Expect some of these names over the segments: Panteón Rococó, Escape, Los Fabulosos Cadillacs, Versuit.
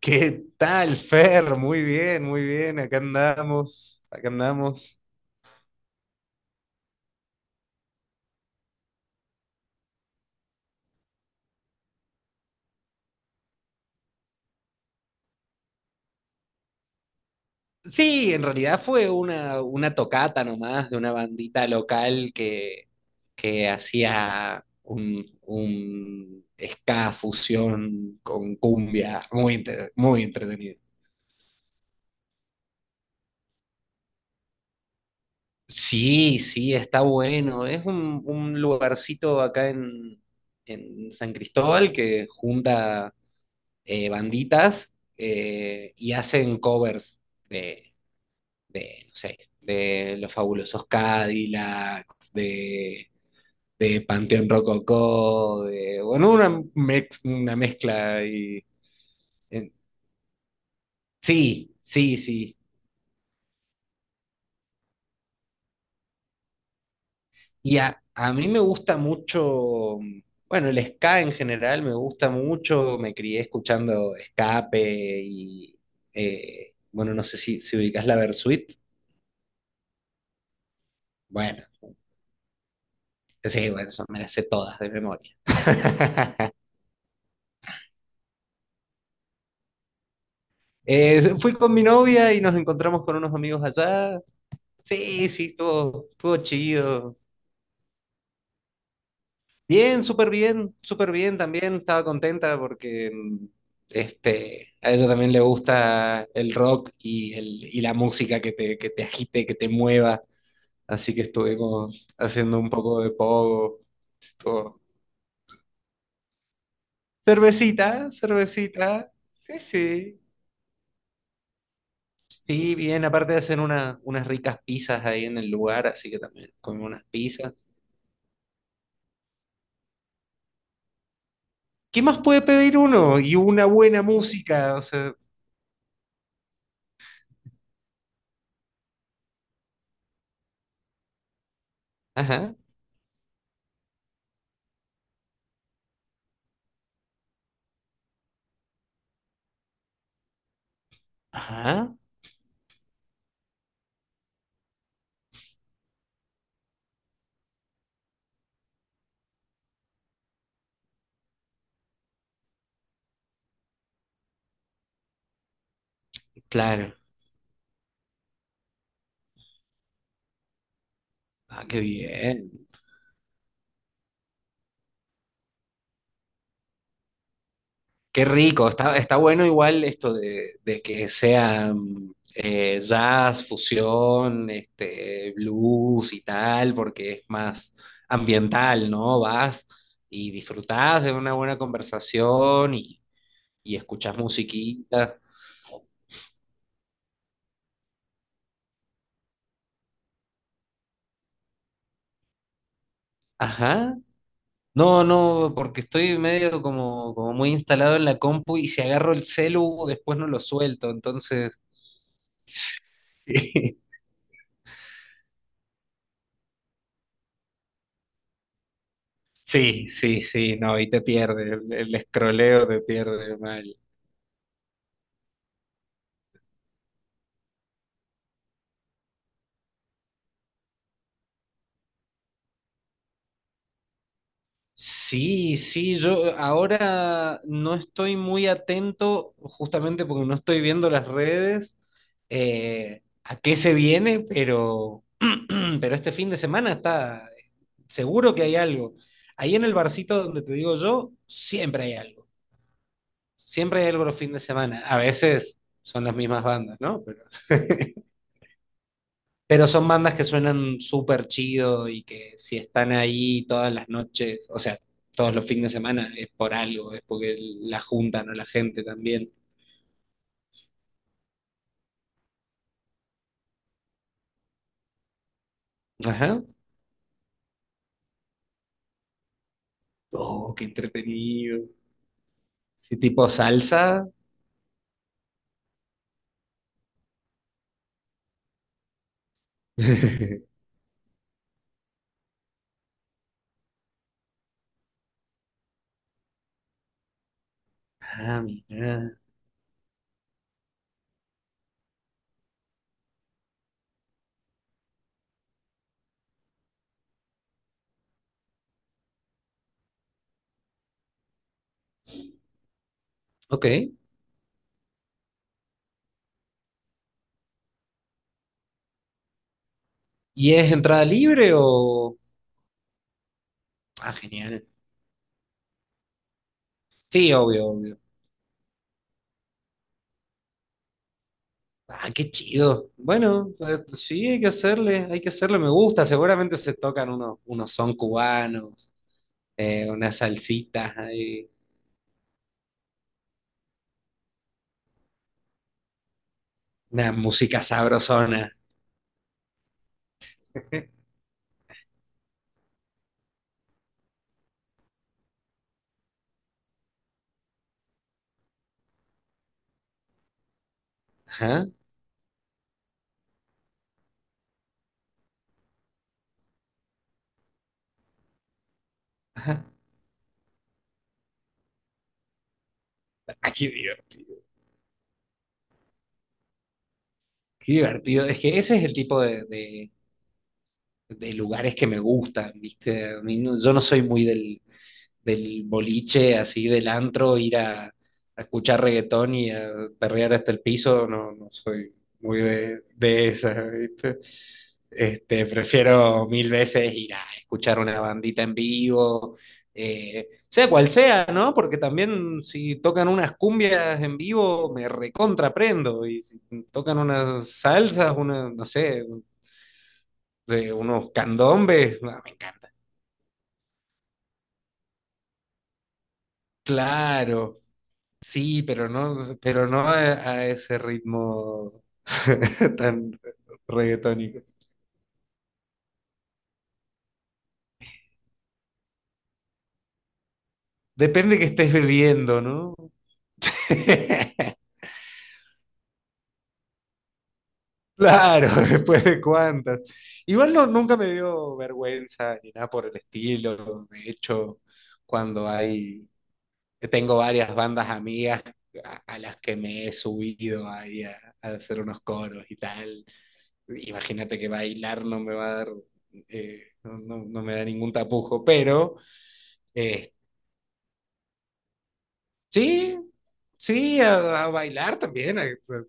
¿Qué tal, Fer? Muy bien, muy bien. Acá andamos, acá andamos. Sí, en realidad fue una tocata nomás de una bandita local que hacía un ska fusión con cumbia, muy, muy entretenido. Sí, sí, está bueno. Es un lugarcito acá en San Cristóbal que junta banditas y hacen covers de, no sé, de Los Fabulosos Cadillacs, de Panteón Rococó, de, bueno, una, una mezcla. En- sí, sí, sí. Y a mí me gusta mucho, bueno, el ska en general me gusta mucho, me crié escuchando Escape y, bueno, no sé si ubicás la Versuit, bueno. Sí, bueno, eso me las sé todas de memoria. Fui con mi novia y nos encontramos con unos amigos allá. Sí, sí, estuvo chido. Bien, súper bien, súper bien también. Estaba contenta porque a ella también le gusta el rock y, y la música que que te agite, que te mueva. Así que estuvimos haciendo un poco de pogo. Estuvo- Cervecita, cervecita. Sí, sí. Sí, bien, aparte de hacer unas ricas pizzas ahí en el lugar, así que también comí unas pizzas. ¿Qué más puede pedir uno? Y una buena música, o sea. Ajá, ajá, claro. Ah, qué bien. Qué rico, está, está bueno igual esto de que sea jazz, fusión, este, blues y tal, porque es más ambiental, ¿no? Vas y disfrutás de una buena conversación y escuchás musiquita. Ajá. No, no, porque estoy medio como, como muy instalado en la compu y si agarro el celu, después no lo suelto. Entonces, sí, sí, sí, no, y te pierde, el escroleo te pierde mal. Sí, sí, yo ahora no estoy muy atento, justamente porque no estoy viendo las redes, a qué se viene, pero, pero este fin de semana está seguro que hay algo. Ahí en el barcito donde te digo yo, siempre hay algo. Siempre hay algo los fines de semana. A veces son las mismas bandas, ¿no? Pero son bandas que suenan súper chido y que si están ahí todas las noches, o sea, todos los fines de semana, es por algo, es porque la juntan o la gente también. Ajá. Oh, qué entretenido. Sí, tipo salsa. Ah, mira. Ok. ¿Y es entrada libre o...? Ah, genial. Sí, obvio, obvio. Ah, qué chido. Bueno, sí, hay que hacerle, me gusta. Seguramente se tocan unos, unos son cubanos, unas salsitas ahí. Una música sabrosona. Ajá, ajá. Ah, qué diver- qué divertido. Es que ese es el tipo de, de lugares que me gustan, ¿viste? A mí no- yo no soy muy del, del boliche, así del antro, ir a escuchar reggaetón y a perrear hasta el piso. No, no soy muy de esas, ¿viste? Este, prefiero mil veces ir a escuchar una bandita en vivo, sea cual sea, ¿no? Porque también si tocan unas cumbias en vivo, me recontraprendo. Y si tocan unas salsas, una, no sé, de unos candombes, no, me encanta. Claro, sí, pero no a ese ritmo tan reggaetónico. Depende que estés bebiendo, ¿no? Claro, después de cuántas. Igual no, nunca me dio vergüenza ni nada por el estilo. De hecho, cuando hay, tengo varias bandas amigas a las que me he subido ahí a hacer unos coros y tal. Imagínate que bailar no me va a dar, no me da ningún tapujo, pero eh, sí, sí, a bailar también, a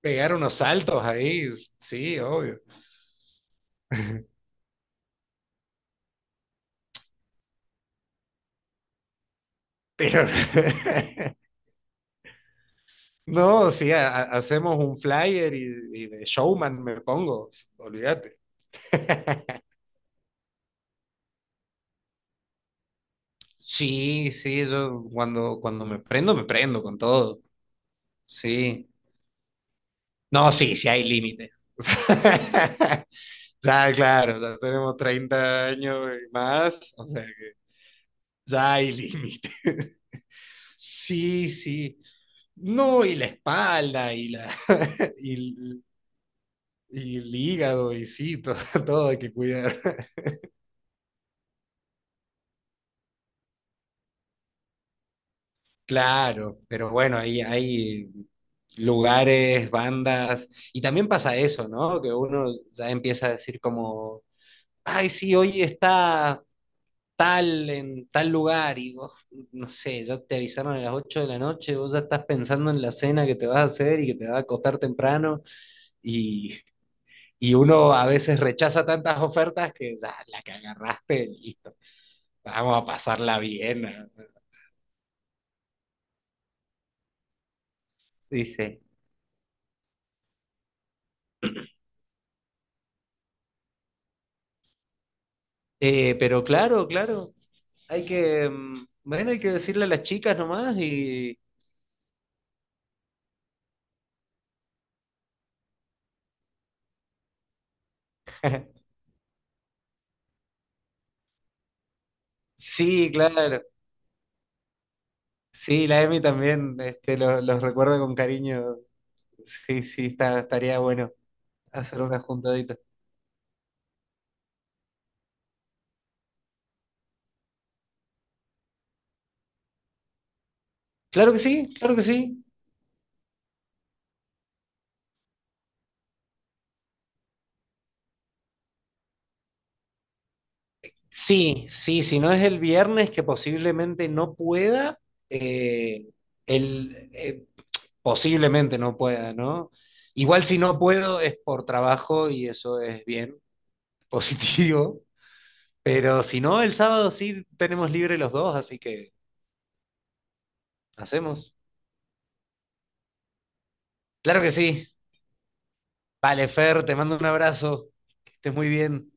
pegar unos saltos ahí, sí, obvio. Pero No, sí, hacemos un flyer y de showman me pongo, olvídate. Sí, sí, yo cuando, cuando me prendo con todo. Sí. No, sí, sí hay límites. Ya, claro, ya tenemos 30 años y más, o sea que ya hay límites. Sí, sí. No, y la espalda y la y, y el hígado y sí, todo, todo hay que cuidar. Claro, pero bueno, hay lugares, bandas, y también pasa eso, ¿no? Que uno ya empieza a decir como, ay, sí, hoy está tal en tal lugar, y vos, no sé, ya te avisaron a las 8 de la noche, vos ya estás pensando en la cena que te vas a hacer y que te vas a acostar temprano, y, y uno a veces rechaza tantas ofertas que ya la que agarraste, listo, vamos a pasarla bien, ¿no? dice. Pero claro, claro, hay que, mm, bueno, hay que decirle a las chicas nomás y... Sí, claro. Sí, la Emi también, este, los recuerdo con cariño. Sí, sí, está, estaría bueno hacer una juntadita. Claro que sí, claro que sí. Sí, sí, si no es el viernes que posiblemente no pueda, eh, el, eh, posiblemente no pueda, ¿no? Igual si no puedo es por trabajo y eso es bien, positivo. Pero si no, el sábado sí tenemos libre los dos, así que hacemos. Claro que sí. Vale, Fer, te mando un abrazo. Que estés muy bien.